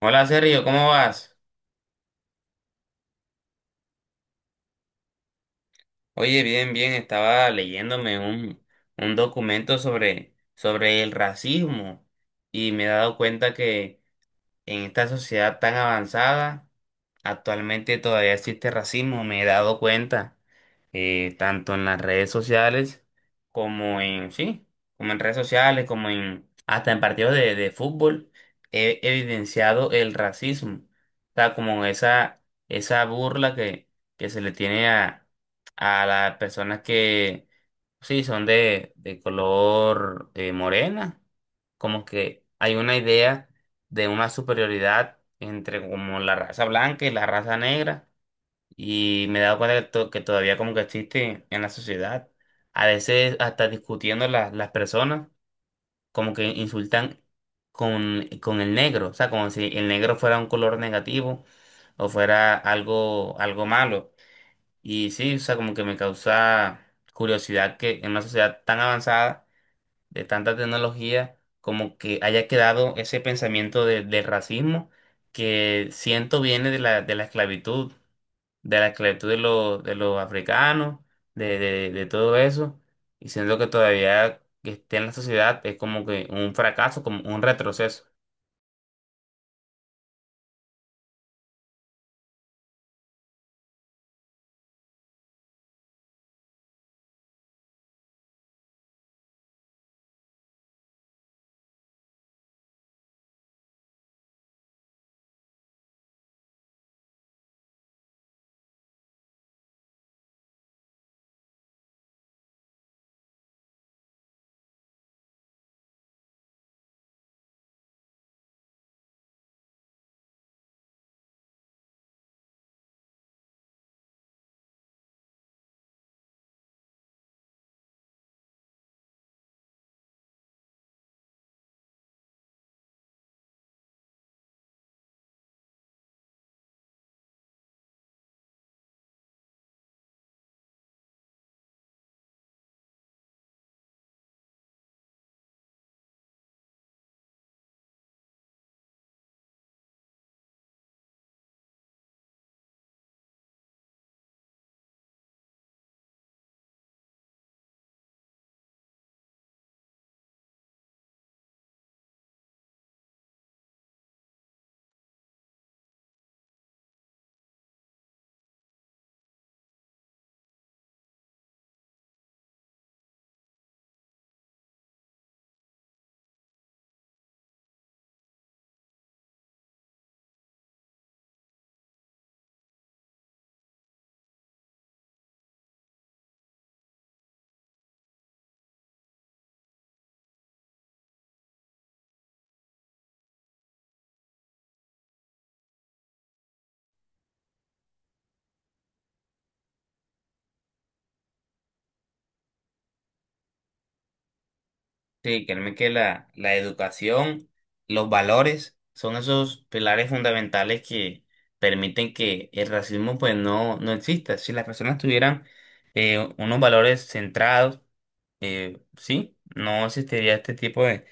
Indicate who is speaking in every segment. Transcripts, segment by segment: Speaker 1: Hola Sergio, ¿cómo vas? Oye, bien, bien, estaba leyéndome un documento sobre el racismo y me he dado cuenta que en esta sociedad tan avanzada actualmente todavía existe racismo, me he dado cuenta, tanto en las redes sociales como sí, como en redes sociales, como en, hasta en partidos de fútbol, he evidenciado el racismo. O sea, como esa burla que se le tiene a las personas que, sí, son de color morena, como que hay una idea de una superioridad entre como la raza blanca y la raza negra y me he dado cuenta que, que todavía como que existe en la sociedad. A veces hasta discutiendo las personas como que insultan con el negro, o sea, como si el negro fuera un color negativo o fuera algo malo. Y sí, o sea, como que me causa curiosidad que en una sociedad tan avanzada de tanta tecnología, como que haya quedado ese pensamiento de racismo que siento viene de de la esclavitud, de la esclavitud de de los africanos, de todo eso, y siento que todavía que esté en la sociedad es como que un fracaso, como un retroceso. Sí, créeme que la educación, los valores son esos pilares fundamentales que permiten que el racismo pues no, no exista. Si las personas tuvieran unos valores centrados, sí, no existiría este tipo de,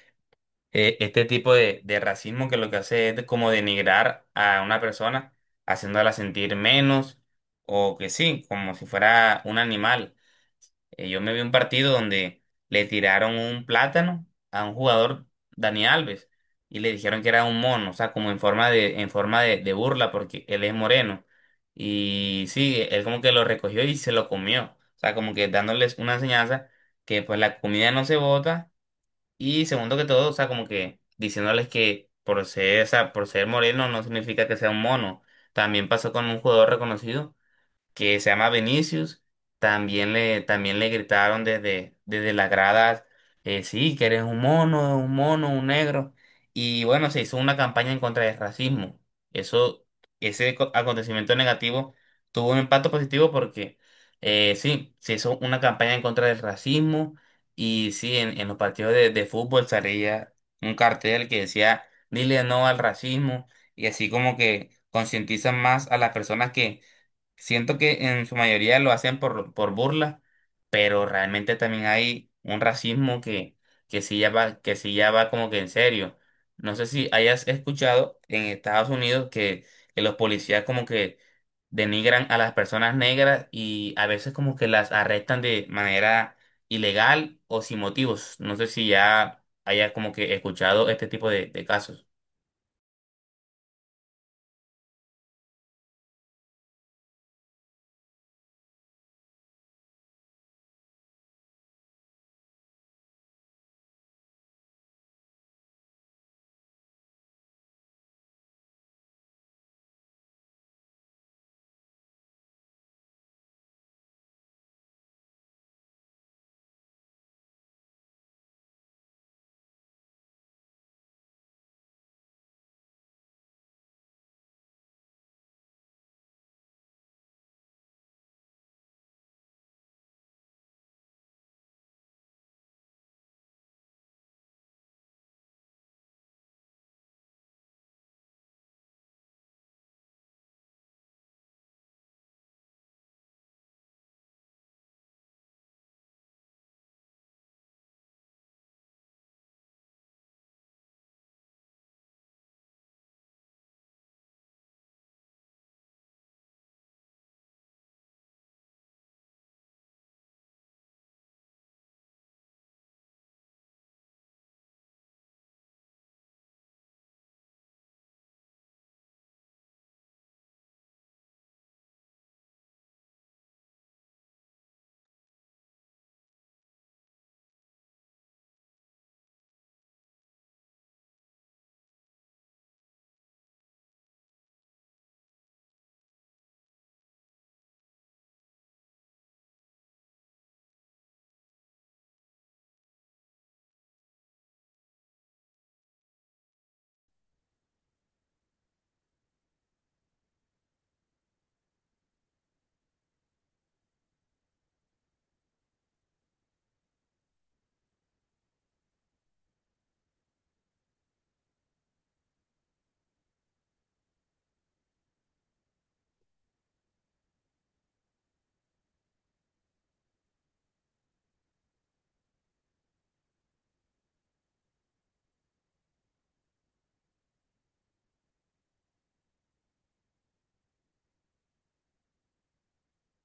Speaker 1: este tipo de racismo que lo que hace es como denigrar a una persona, haciéndola sentir menos o que sí, como si fuera un animal. Yo me vi un partido donde le tiraron un plátano a un jugador, Dani Alves, y le dijeron que era un mono, o sea, como en forma de, en forma de burla, porque él es moreno. Y sí, él como que lo recogió y se lo comió. O sea, como que dándoles una enseñanza que pues la comida no se bota. Y segundo que todo, o sea, como que diciéndoles que por ser, o sea, por ser moreno no significa que sea un mono. También pasó con un jugador reconocido que se llama Vinicius, también también le gritaron desde las gradas, sí, que eres un mono, un mono, un negro. Y bueno, se hizo una campaña en contra del racismo. Eso, ese acontecimiento negativo tuvo un impacto positivo porque sí, se hizo una campaña en contra del racismo y sí, en los partidos de fútbol salía un cartel que decía, dile no al racismo y así como que concientizan más a las personas que siento que en su mayoría lo hacen por burla, pero realmente también hay un racismo que sí ya va, que sí ya va como que en serio. No sé si hayas escuchado en Estados Unidos que los policías como que denigran a las personas negras y a veces como que las arrestan de manera ilegal o sin motivos. No sé si ya hayas como que escuchado este tipo de casos.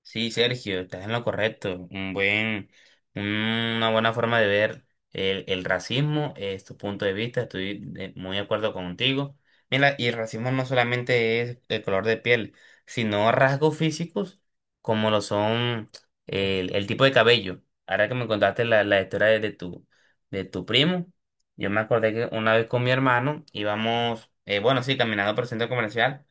Speaker 1: Sí, Sergio, estás en lo correcto. Un buen, una buena forma de ver el racismo, es tu punto de vista, muy de acuerdo contigo. Mira, y el racismo no solamente es el color de piel, sino rasgos físicos como lo son el tipo de cabello. Ahora que me contaste la historia de, de tu primo, yo me acordé que una vez con mi hermano íbamos, bueno, sí, caminando por el centro comercial.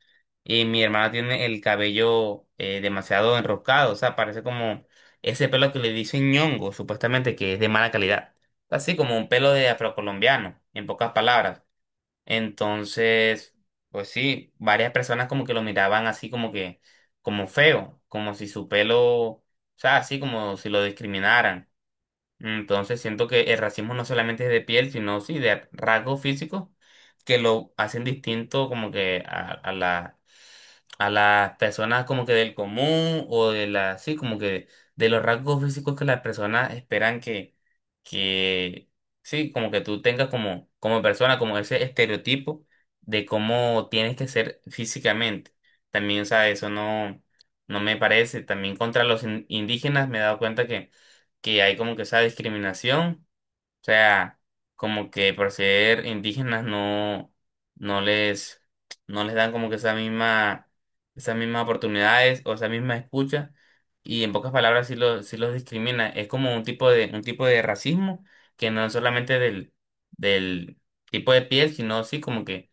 Speaker 1: Y mi hermana tiene el cabello demasiado enroscado, o sea, parece como ese pelo que le dicen ñongo, supuestamente que es de mala calidad. Así como un pelo de afrocolombiano, en pocas palabras. Entonces, pues sí, varias personas como que lo miraban así como que, como feo, como si su pelo, o sea, así como si lo discriminaran. Entonces siento que el racismo no solamente es de piel, sino sí de rasgos físicos que lo hacen distinto como que a la, a las personas como que del común o de la, sí, como que de los rasgos físicos que las personas esperan que, sí, como que tú tengas como, como persona, como ese estereotipo de cómo tienes que ser físicamente. También, o sea, eso no, no me parece. También contra los indígenas me he dado cuenta que hay como que esa discriminación, o sea, como que por ser indígenas no, no les, no les dan como que esa misma, esas mismas oportunidades o esa misma escucha, y en pocas palabras sí los discrimina. Es como un tipo de racismo que no es solamente del tipo de piel, sino sí como que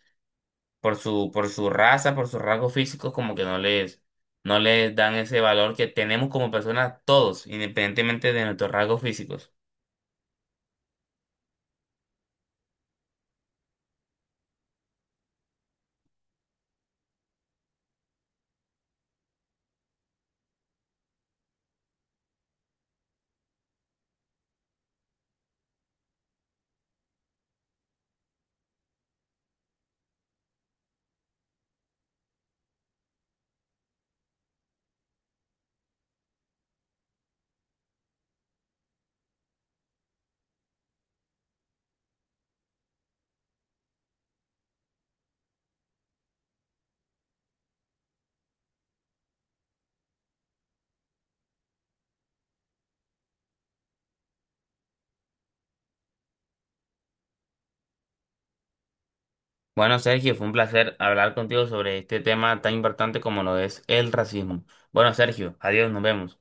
Speaker 1: por por su raza, por sus rasgos físicos, como que no les dan ese valor que tenemos como personas todos, independientemente de nuestros rasgos físicos. Bueno, Sergio, fue un placer hablar contigo sobre este tema tan importante como lo es el racismo. Bueno, Sergio, adiós, nos vemos.